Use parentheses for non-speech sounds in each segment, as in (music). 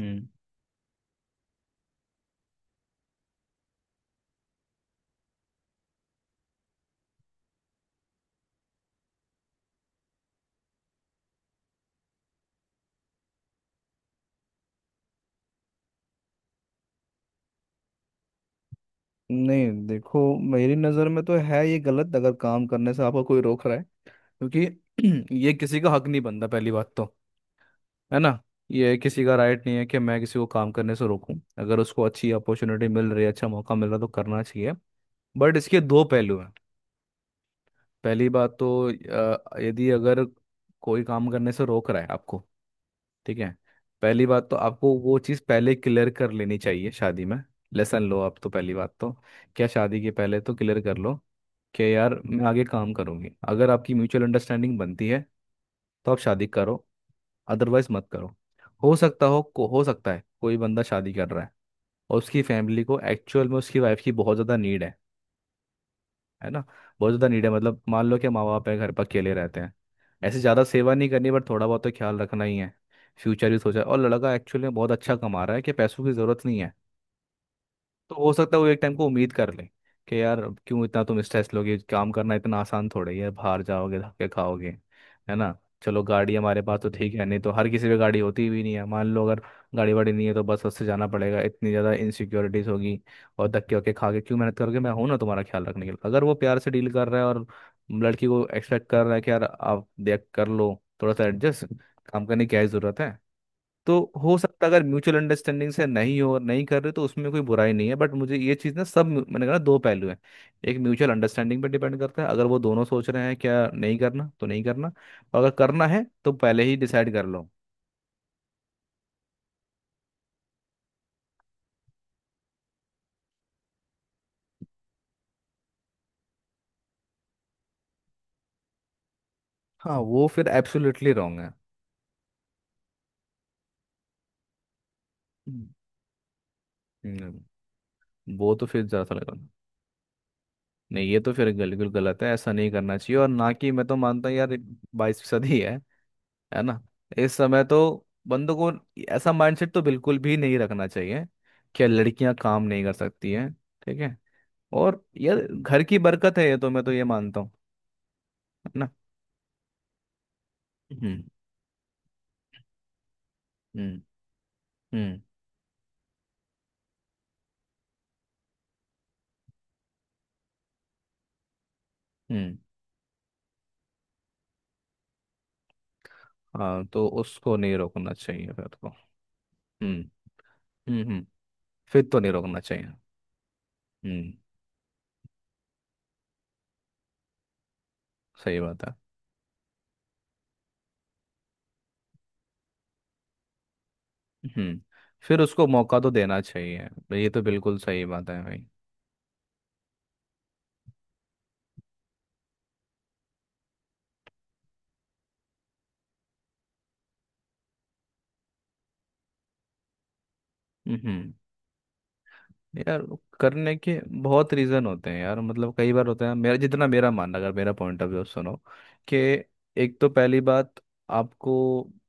हम्म नहीं, देखो, मेरी नज़र में तो है ये गलत। अगर काम करने से आपको कोई रोक रहा है, क्योंकि (clears throat) ये किसी का हक नहीं बनता। पहली बात तो, है ना, ये किसी का राइट नहीं है कि मैं किसी को काम करने से रोकूं। अगर उसको अच्छी अपॉर्चुनिटी मिल रही है, अच्छा मौका मिल रहा है, तो करना चाहिए। बट इसके दो पहलू हैं। पहली बात तो अ, यदि अगर कोई काम करने से रोक रहा है आपको, ठीक है, पहली बात तो आपको वो चीज़ पहले क्लियर कर लेनी चाहिए शादी में। लेसन लो आप तो। पहली बात तो क्या, शादी के पहले तो क्लियर कर लो कि यार मैं आगे काम करूंगी। अगर आपकी म्यूचुअल अंडरस्टैंडिंग बनती है तो आप शादी करो, अदरवाइज मत करो। हो सकता है कोई बंदा शादी कर रहा है और उसकी फैमिली को एक्चुअल में उसकी वाइफ की बहुत ज़्यादा नीड है। है ना। बहुत ज़्यादा नीड है, मतलब मान लो कि माँ बाप है घर पर, अकेले रहते हैं। ऐसे ज़्यादा सेवा नहीं करनी, बट थोड़ा बहुत तो ख्याल रखना ही है। फ्यूचर भी सोचा, और लड़का एक्चुअली में बहुत अच्छा कमा रहा है कि पैसों की ज़रूरत नहीं है। तो हो सकता है वो एक टाइम को उम्मीद कर ले कि यार अब क्यों इतना तुम स्ट्रेस लोगे। काम करना इतना आसान थोड़ा ही है, बाहर जाओगे, धक्के खाओगे। है ना। चलो गाड़ी हमारे पास तो ठीक है, नहीं तो हर किसी पे गाड़ी होती भी नहीं है। मान लो अगर गाड़ी वाड़ी नहीं है तो बस उससे जाना पड़ेगा, इतनी ज़्यादा इनसिक्योरिटीज होगी। और धक्के वक्के खा के क्यों मेहनत करोगे, मैं हूं ना तुम्हारा ख्याल रखने के लिए। अगर वो प्यार से डील कर रहा है और लड़की को एक्सपेक्ट कर रहा है कि यार आप देख कर लो, थोड़ा सा एडजस्ट, काम करने की क्या ही जरूरत है। तो हो सकता है अगर म्यूचुअल अंडरस्टैंडिंग से नहीं कर रहे तो उसमें कोई बुराई नहीं है। बट मुझे ये चीज़ ना, सब मैंने कहा ना, दो पहलू हैं। एक म्यूचुअल अंडरस्टैंडिंग पे डिपेंड करता है, अगर वो दोनों सोच रहे हैं क्या नहीं करना तो नहीं करना। और अगर करना है तो पहले ही डिसाइड कर लो। हाँ, वो फिर एब्सोल्युटली रॉन्ग है। हम्म। हम्म, वो तो फिर ज़्यादा लगा। नहीं, ये तो फिर बिल्कुल गलत है, ऐसा नहीं करना चाहिए। और ना, कि मैं तो मानता हूँ यार, 22% ही है ना, इस समय तो बंदों को ऐसा माइंडसेट तो बिल्कुल भी नहीं रखना चाहिए कि लड़कियां काम नहीं कर सकती हैं। ठीक है। और यार, घर की बरकत है ये तो, मैं तो ये मानता हूँ। है ना। हम्म। हम्म। हम्म। हम्म। हाँ, तो उसको नहीं रोकना चाहिए फिर तो। हम्म। हम्म। हम्म। फिर तो नहीं रोकना चाहिए। हम्म, सही बात है। हम्म, फिर उसको मौका तो देना चाहिए। ये तो बिल्कुल सही बात है भाई। हम्म। हम्म। यार, करने के बहुत रीज़न होते हैं यार, मतलब कई बार होते हैं। मेरा जितना मेरा मानना, अगर मेरा पॉइंट ऑफ व्यू सुनो कि एक तो पहली बात, आपको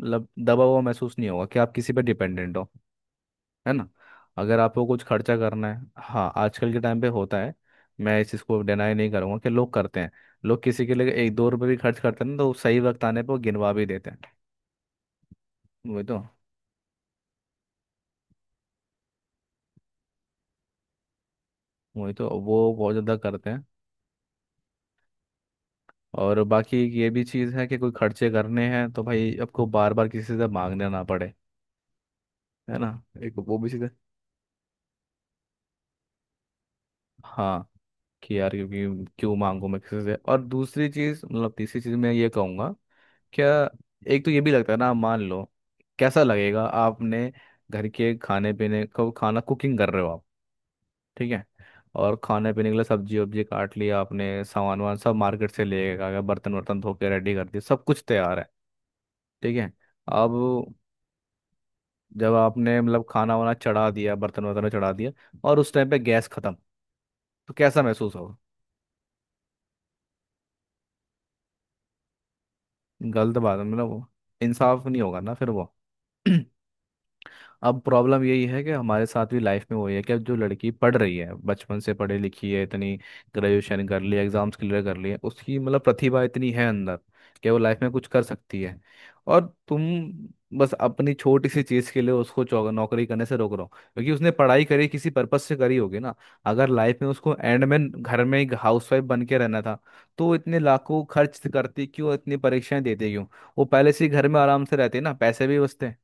मतलब दबा हुआ महसूस नहीं होगा कि आप किसी पर डिपेंडेंट हो। है ना। अगर आपको कुछ खर्चा करना है, हाँ, आजकल के टाइम पे होता है, मैं इस चीज़ को डिनाई नहीं करूंगा कि लोग करते हैं। लोग किसी के लिए एक दो रुपये भी खर्च करते हैं ना, तो सही वक्त आने पर वो गिनवा भी देते हैं। वही तो वही तो वो बहुत ज़्यादा करते हैं। और बाकी ये भी चीज़ है कि कोई खर्चे करने हैं तो भाई आपको बार बार किसी से मांगने ना पड़े। है ना। एक वो भी चीज़ है। हाँ, कि यार, क्योंकि क्यों मांगू मैं किसी से। और दूसरी चीज़, मतलब तीसरी चीज़ मैं ये कहूँगा क्या, एक तो ये भी लगता है ना, मान लो कैसा लगेगा। आपने घर के खाने पीने को, खाना कुकिंग कर रहे हो आप, ठीक है, और खाने पीने के लिए सब्जी वब्जी काट लिया आपने, सामान वामान सब मार्केट से ले आ गए, बर्तन वर्तन धो के रेडी कर दिए, सब कुछ तैयार है, ठीक है। अब जब आपने मतलब खाना वाना चढ़ा दिया, बर्तन वर्तन चढ़ा दिया, और उस टाइम पे गैस खत्म, तो कैसा महसूस होगा। गलत बात है, मतलब वो इंसाफ नहीं होगा ना फिर वो। (clears throat) अब प्रॉब्लम यही है कि हमारे साथ भी लाइफ में वही है कि अब जो लड़की पढ़ रही है, बचपन से पढ़ी लिखी है इतनी, ग्रेजुएशन कर ली, एग्जाम्स क्लियर कर लिए, उसकी मतलब प्रतिभा इतनी है अंदर कि वो लाइफ में कुछ कर सकती है, और तुम बस अपनी छोटी सी चीज़ के लिए उसको नौकरी करने से रोक रहे हो। क्योंकि उसने पढ़ाई करी, किसी पर्पस से करी होगी ना। अगर लाइफ में उसको एंड में घर में एक हाउसवाइफ बन के रहना था तो वो इतने लाखों खर्च करती क्यों, इतनी परीक्षाएं देती क्यों। वो पहले से ही घर में आराम से रहते ना, पैसे भी बचते।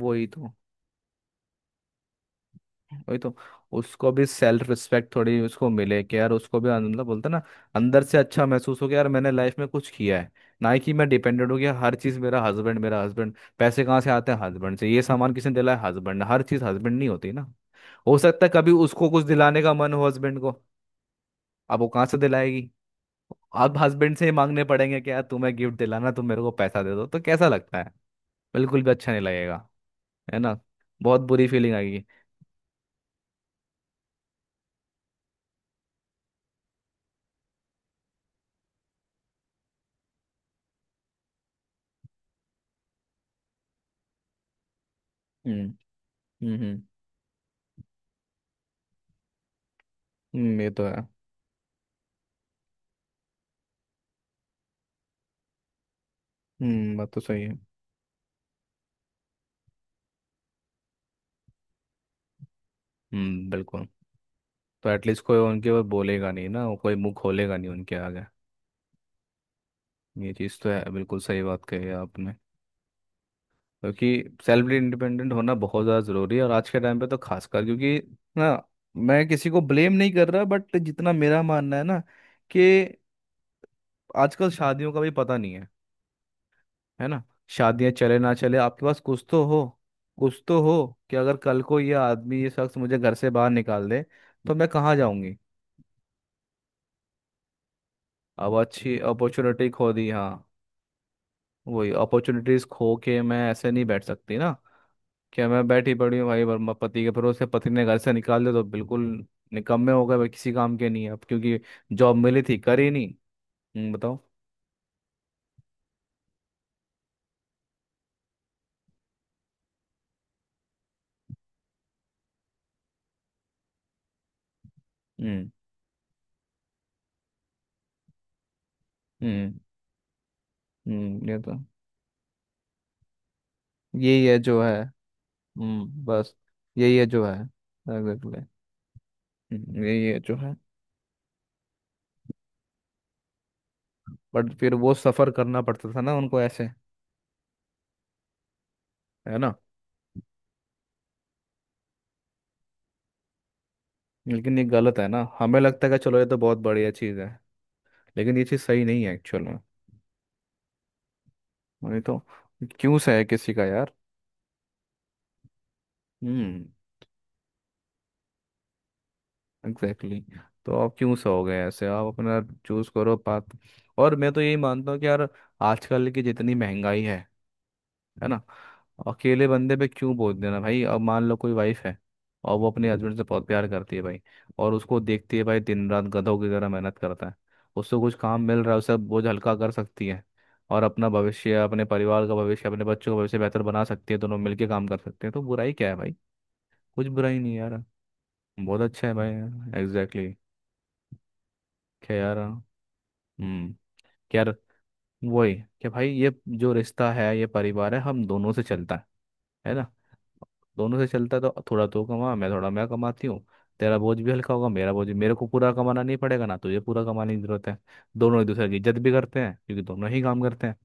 वही तो। वही तो उसको भी सेल्फ रिस्पेक्ट थोड़ी उसको मिले कि यार उसको भी मतलब बोलते हैं ना, अंदर से अच्छा महसूस हो कि यार मैंने लाइफ में कुछ किया है। ना ही कि मैं डिपेंडेंट हूँ कि हर चीज़ मेरा हस्बैंड, मेरा हस्बैंड, पैसे कहाँ से आते हैं हस्बैंड से, ये सामान किसने दिलाया हस्बैंड ने, हर चीज़ हस्बैंड नहीं होती ना। हो सकता है कभी उसको कुछ दिलाने का मन हो हस्बैंड को, अब वो कहाँ से दिलाएगी। अब हस्बैंड से ही मांगने पड़ेंगे कि यार तुम्हें गिफ्ट दिलाना, तुम मेरे को पैसा दे दो, तो कैसा लगता है। बिल्कुल भी अच्छा नहीं लगेगा। है ना। बहुत बुरी फीलिंग आएगी। हम्म। हम्म। ये तो है। बात तो सही है। हम्म, बिल्कुल। तो एटलीस्ट कोई उनके ऊपर बोलेगा नहीं ना, कोई मुंह खोलेगा नहीं उनके आगे। ये चीज़ तो है, बिल्कुल सही बात कही है आपने। क्योंकि सेल्फ इंडिपेंडेंट होना बहुत ज़्यादा ज़रूरी है, और आज के टाइम पे तो खासकर। क्योंकि ना, मैं किसी को ब्लेम नहीं कर रहा बट जितना मेरा मानना है ना, कि आजकल शादियों का भी पता नहीं है। है ना। शादियां चले ना चले, आपके पास कुछ तो हो, कुछ तो हो, कि अगर कल को ये शख्स मुझे घर से बाहर निकाल दे तो मैं कहाँ जाऊंगी। अब अच्छी अपॉर्चुनिटी खो दी, हाँ, वही अपॉर्चुनिटीज खो के मैं ऐसे नहीं बैठ सकती ना। क्या मैं बैठी पड़ी हूँ भाई वर्मा पति के भरोसे, पति ने घर से निकाल दिया तो बिल्कुल निकम्मे हो गए भाई, किसी काम के नहीं है अब, क्योंकि जॉब मिली थी कर ही नहीं। बताओ। हम्म। हम्म। ये तो। यही है जो है। बस यही है जो है। एग्जैक्टली, यही है जो है। बट फिर वो सफर करना पड़ता था ना उनको ऐसे। है ना। लेकिन ये गलत है ना, हमें लगता है कि चलो ये तो बहुत बढ़िया चीज़ है, लेकिन ये चीज़ सही नहीं है एक्चुअल में। नहीं तो क्यों सहे किसी का यार। हम्म, एग्जैक्टली exactly। तो आप क्यों सहोगे ऐसे, आप अपना चूज करो पाथ। और मैं तो यही मानता हूँ कि यार आजकल की जितनी महंगाई है ना, अकेले बंदे पे क्यों बोझ देना भाई। अब मान लो कोई वाइफ है और वो अपने हस्बैंड से बहुत प्यार करती है भाई, और उसको देखती है भाई दिन रात गधों की तरह मेहनत करता है, उसको कुछ काम मिल रहा है, उसे बोझ हल्का कर सकती है, और अपना भविष्य, अपने परिवार का भविष्य, अपने बच्चों का भविष्य बेहतर बना सकती है, दोनों मिलके काम कर सकते हैं, तो बुराई क्या है भाई। कुछ बुराई नहीं है यार, बहुत अच्छा है भाई। Exactly exactly। क्या यार। हम्म। यार वही, कि भाई ये जो रिश्ता है, ये परिवार है, हम दोनों से चलता है। है ना। दोनों से चलता है, तो थोड़ा तू कमा, मैं कमाती हूँ। तेरा बोझ भी हल्का होगा, मेरा बोझ भी, मेरे को पूरा कमाना नहीं पड़ेगा, ना तुझे पूरा कमाने की जरूरत है। दोनों एक दूसरे की इज्जत भी करते हैं क्योंकि दोनों ही काम करते हैं।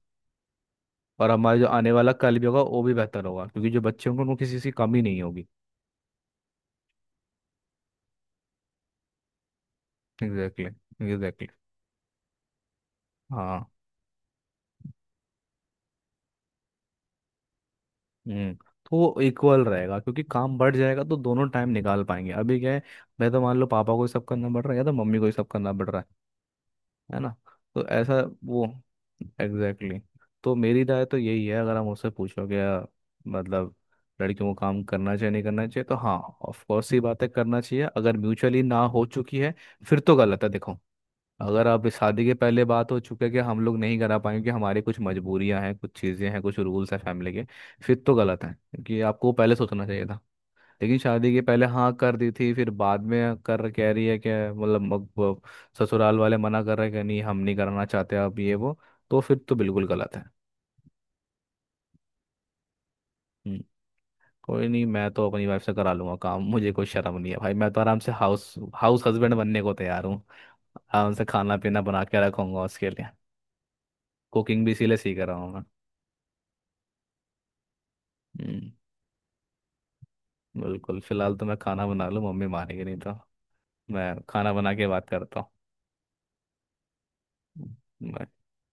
और हमारे जो आने वाला कल भी होगा वो भी बेहतर होगा, क्योंकि जो बच्चे होंगे उनको किसी चीज़ की कमी नहीं होगी। एग्जैक्टली। एग्जैक्टली। हाँ हम्म तो वो इक्वल रहेगा, क्योंकि काम बढ़ जाएगा तो दोनों टाइम निकाल पाएंगे। अभी क्या है, मैं तो, मान लो, पापा को ही सब करना पड़ रहा है, या तो मम्मी को ही सब करना पड़ रहा है। है ना। तो ऐसा वो, एग्जैक्टली exactly। तो मेरी राय तो यही है, अगर आप मुझसे पूछोगे या मतलब लड़कियों को काम करना चाहिए नहीं करना चाहिए, तो हाँ, ऑफ कोर्स ये बातें करना चाहिए, अगर म्यूचुअली ना हो चुकी है फिर तो गलत है देखो। अगर आप इस शादी के पहले बात हो चुके कि हम लोग नहीं करा पाएंगे, कि हमारी कुछ मजबूरियां हैं, कुछ चीज़ें हैं, कुछ रूल्स हैं फैमिली के, फिर तो गलत है, क्योंकि आपको पहले सोचना चाहिए था। लेकिन शादी के पहले हाँ कर दी थी, फिर बाद में कर कह रही है कि मतलब, अब वो ससुराल वाले मना कर रहे हैं कि नहीं हम नहीं कराना चाहते, अब ये वो, तो फिर तो बिल्कुल गलत है। हम्म, कोई नहीं, मैं तो अपनी वाइफ से करा लूंगा काम, मुझे कोई शर्म नहीं है भाई। मैं तो आराम से हाउस हाउस हस्बैंड बनने को तैयार हूँ, आराम से खाना पीना बना के रखूंगा उसके लिए। कुकिंग भी इसीलिए सीख रहा हूँ। हम्म, बिल्कुल, फिलहाल तो मैं खाना बना लूँ, मम्मी मारेगी नहीं तो। मैं खाना बना के बात करता हूँ।